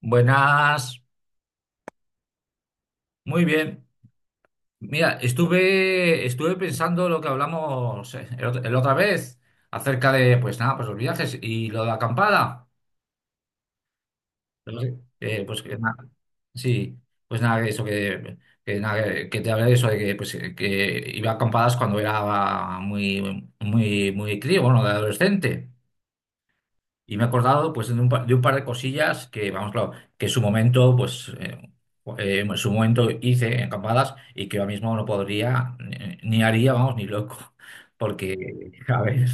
Buenas, muy bien. Mira, estuve pensando lo que hablamos el otra vez acerca de, pues nada, pues los viajes y lo de la acampada. Pero sí, pues que nada, sí, pues nada, que eso que nada, que te hablé de eso de que, pues, que iba a acampadas cuando era muy, muy, muy crío, bueno, de adolescente. Y me he acordado pues, de un, de un par de cosillas que, vamos, claro, que en su momento, pues, en su momento hice en campadas y que ahora mismo no podría, ni haría, vamos, ni loco. Porque, a ver,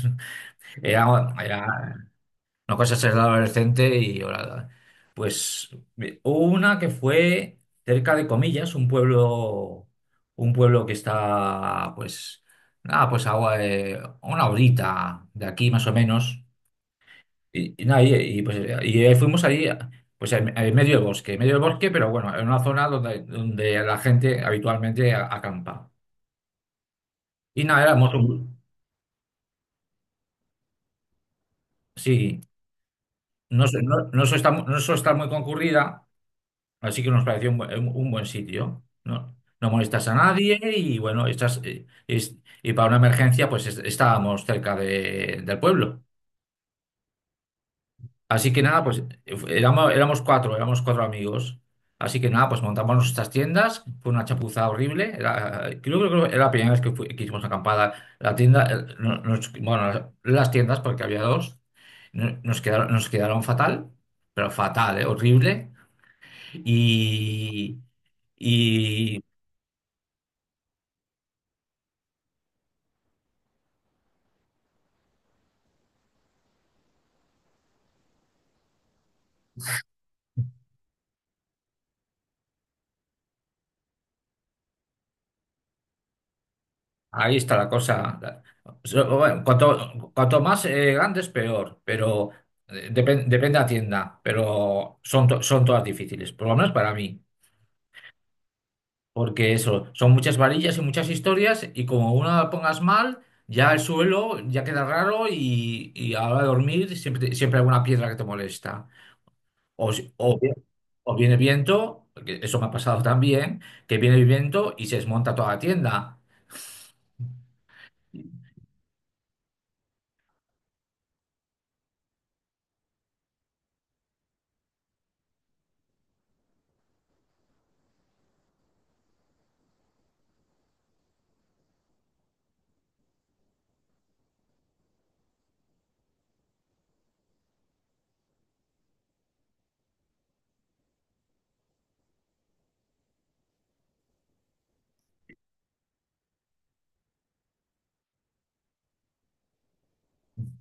era, una cosa es ser adolescente y ahora, pues, hubo una que fue cerca de Comillas, un pueblo que está, pues, nada, pues, a una horita de aquí más o menos y nada, y pues y ahí fuimos ahí, pues en medio del bosque, en medio del bosque, pero bueno, en una zona donde, donde la gente habitualmente acampa. Y nada, sí, no, no, está, no so- está muy concurrida, así que nos pareció un, un buen sitio, ¿no? No molestas a nadie y bueno, estás, y para una emergencia pues estábamos cerca del pueblo. Así que nada, pues éramos cuatro amigos. Así que nada, pues montamos nuestras tiendas, fue una chapuza horrible. Era, creo que era la primera vez que, que hicimos acampada. La tienda, bueno, las tiendas, porque había dos, nos quedaron fatal, pero fatal, ¿eh? Horrible. Y, y Ahí está la cosa. Bueno, cuanto más grandes, peor, pero depende de la tienda, pero son, son todas difíciles, por lo menos para mí, porque eso, son muchas varillas y muchas historias y como una la pongas mal, ya el suelo ya queda raro y a la hora de dormir siempre, siempre hay una piedra que te molesta. O, o, o viene viento, que eso me ha pasado también, que viene el viento y se desmonta toda la tienda.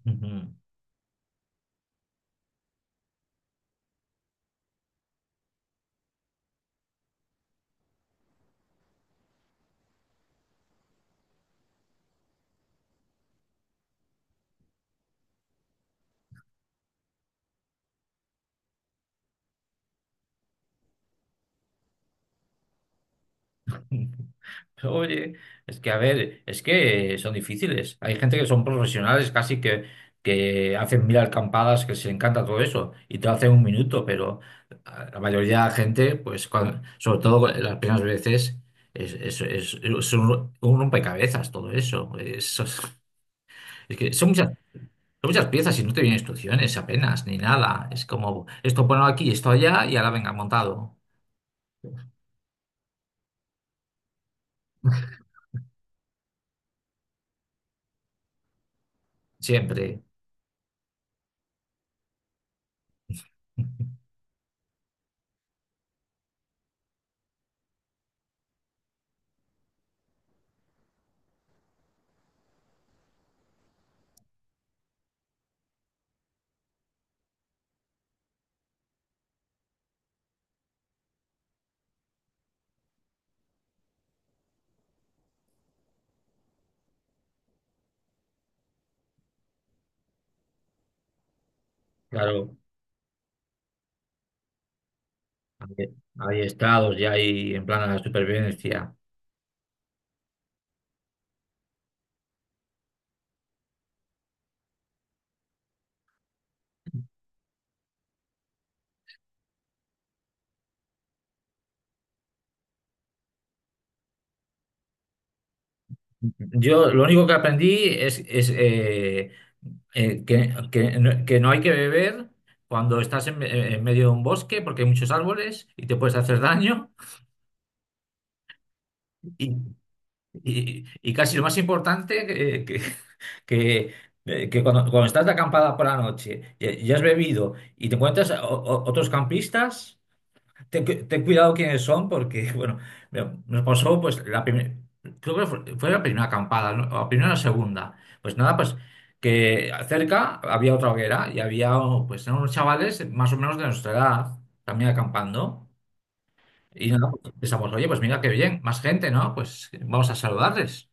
Ujú. Oye, es que a ver, es que son difíciles. Hay gente que son profesionales casi que hacen mil alcampadas, que se le encanta todo eso, y te lo hacen un minuto, pero la mayoría de la gente, pues sobre todo las primeras veces, es un rompecabezas todo eso. Eso es que son muchas piezas y no te vienen instrucciones apenas, ni nada. Es como, esto ponlo aquí, esto allá, y ahora venga montado. Siempre, claro. Hay estados ya y en plan a la supervivencia. Yo lo único que aprendí que no hay que beber cuando estás en, en medio de un bosque porque hay muchos árboles y te puedes hacer daño. Y, y casi lo más importante, que- que cuando, cuando estás de acampada por la noche y has bebido y te encuentras otros campistas. Ten, ten cuidado quiénes son porque, bueno, mira, nos pasó pues la primera, creo que fue, fue la primera acampada, ¿no? O la primera o la segunda. Pues nada, pues que cerca había otra hoguera y había pues unos chavales más o menos de nuestra edad también acampando. Y nada, pues, pensamos, oye, pues mira qué bien, más gente, ¿no? Pues vamos a saludarles.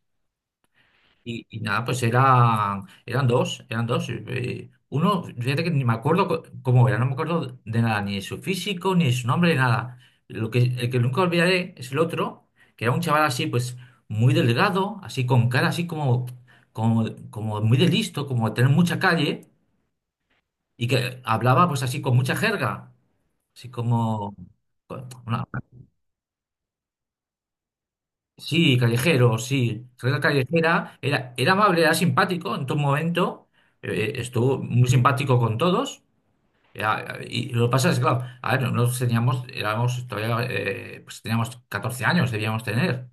Y nada, pues eran dos, eran dos. Uno, fíjate que ni me acuerdo cómo era, no me acuerdo de nada, ni de su físico, ni de su nombre, nada. Lo que, el que nunca olvidaré es el otro, que era un chaval así, pues muy delgado, así con cara así como, como muy de listo, como de tener mucha calle, y que hablaba pues así con mucha jerga, así como... con una- Sí, callejero, sí. Real Callejera era, era amable, era simpático en todo momento. Estuvo muy simpático con todos. Y lo que pasa es, claro, a ver, éramos todavía, pues teníamos 14 años, debíamos tener.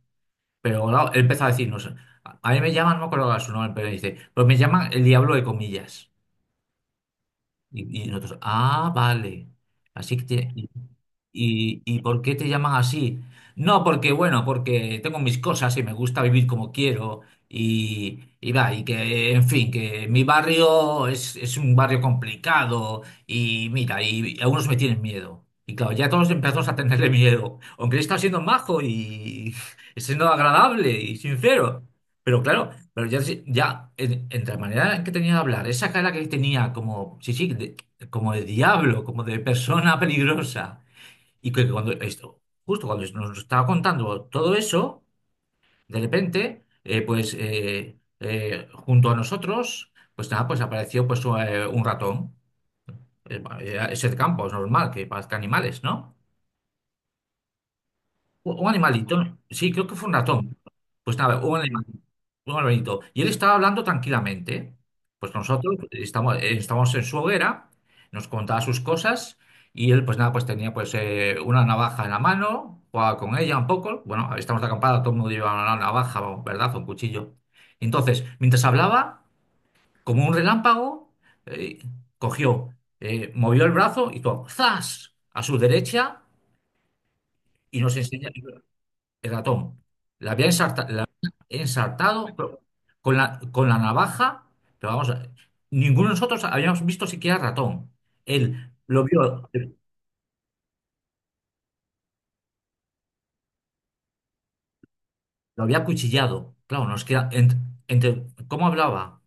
Pero claro, él empezó a decirnos, a mí me llaman, no me acuerdo ahora su nombre, pero dice, pues me llaman el diablo de comillas. Y nosotros, ah, vale. Así que tiene- ¿Y, y por qué te llaman así? No, porque bueno, porque tengo mis cosas y me gusta vivir como quiero y va, y que, en fin, que mi barrio es un barrio complicado y mira, y algunos me tienen miedo. Y claro, ya todos empezamos a tenerle miedo, aunque él está siendo majo y, y siendo agradable y sincero. Pero claro, pero ya, ya entre la manera en que tenía de hablar, esa cara que tenía como, sí, sí, como de diablo, como de persona peligrosa. Y que cuando esto, justo cuando nos estaba contando todo eso, de repente, pues junto a nosotros, pues nada, pues apareció pues un ratón. Era ese campo, es normal que parezca animales, ¿no? Un animalito, ¿no? Sí, creo que fue un ratón. Pues nada, un Sí. animalito, un animalito. Y él estaba hablando tranquilamente. Pues nosotros estamos, estábamos en su hoguera, nos contaba sus cosas y él pues nada, pues tenía pues una navaja en la mano, jugaba con ella un poco. Bueno, estamos de acampada, todo el mundo lleva una navaja, ¿verdad? O un cuchillo. Entonces, mientras hablaba, como un relámpago, eh, cogió, movió el brazo y todo, ¡zas! A su derecha y nos enseñó el ratón. La había ensartado pero con la navaja, pero vamos, a ninguno de nosotros habíamos visto siquiera ratón. Él lo vio, lo había acuchillado. Claro, nos queda en- entre cómo hablaba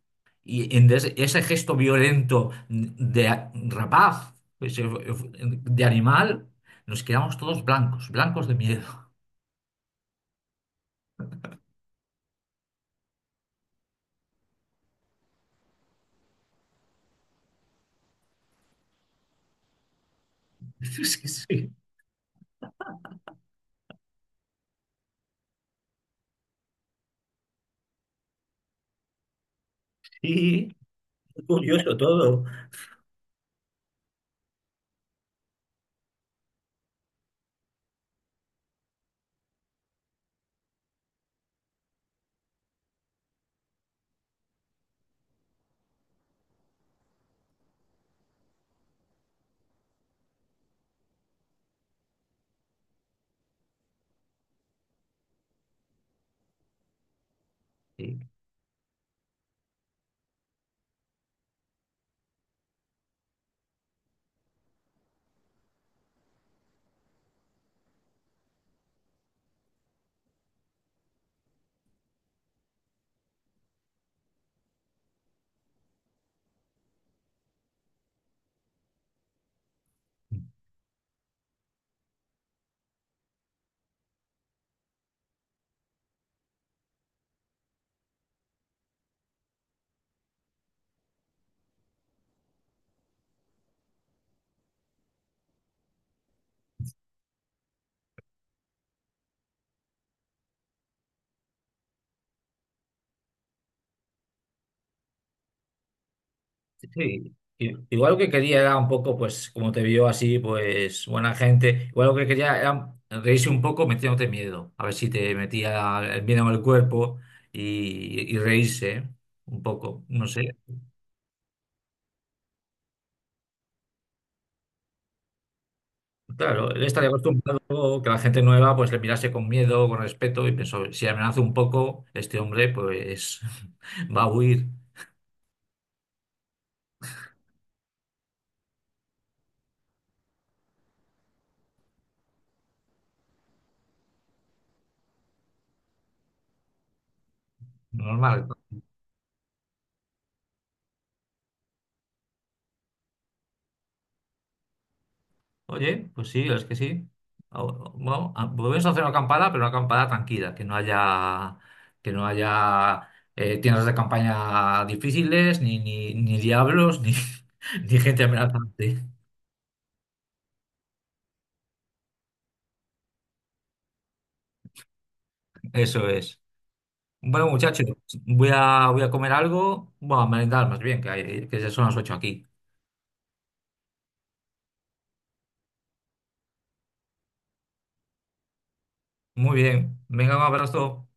y en ese, ese gesto violento de rapaz, pues, de animal, nos quedamos todos blancos, blancos de miedo. Sí, sí, sí. Curioso todo. Sí, igual lo que quería era un poco, pues, como te vio así, pues, buena gente, igual lo que quería era reírse un poco metiéndote miedo, a ver si te metía el miedo en el cuerpo y reírse un poco, no sé. Claro, él estaría acostumbrado que la gente nueva, pues, le mirase con miedo, con respeto y pensó, si amenazo un poco, este hombre, pues, va a huir. Normal, oye, pues sí, es que sí. Ahora, volvemos a hacer una acampada, pero una acampada tranquila, que no haya tiendas de campaña difíciles, ni, ni, ni diablos, ni, ni gente amenazante. Eso es. Bueno, muchachos, voy a comer algo. Bueno, a merendar más bien, que, que ya son las 8 aquí. Muy bien. Venga, un abrazo.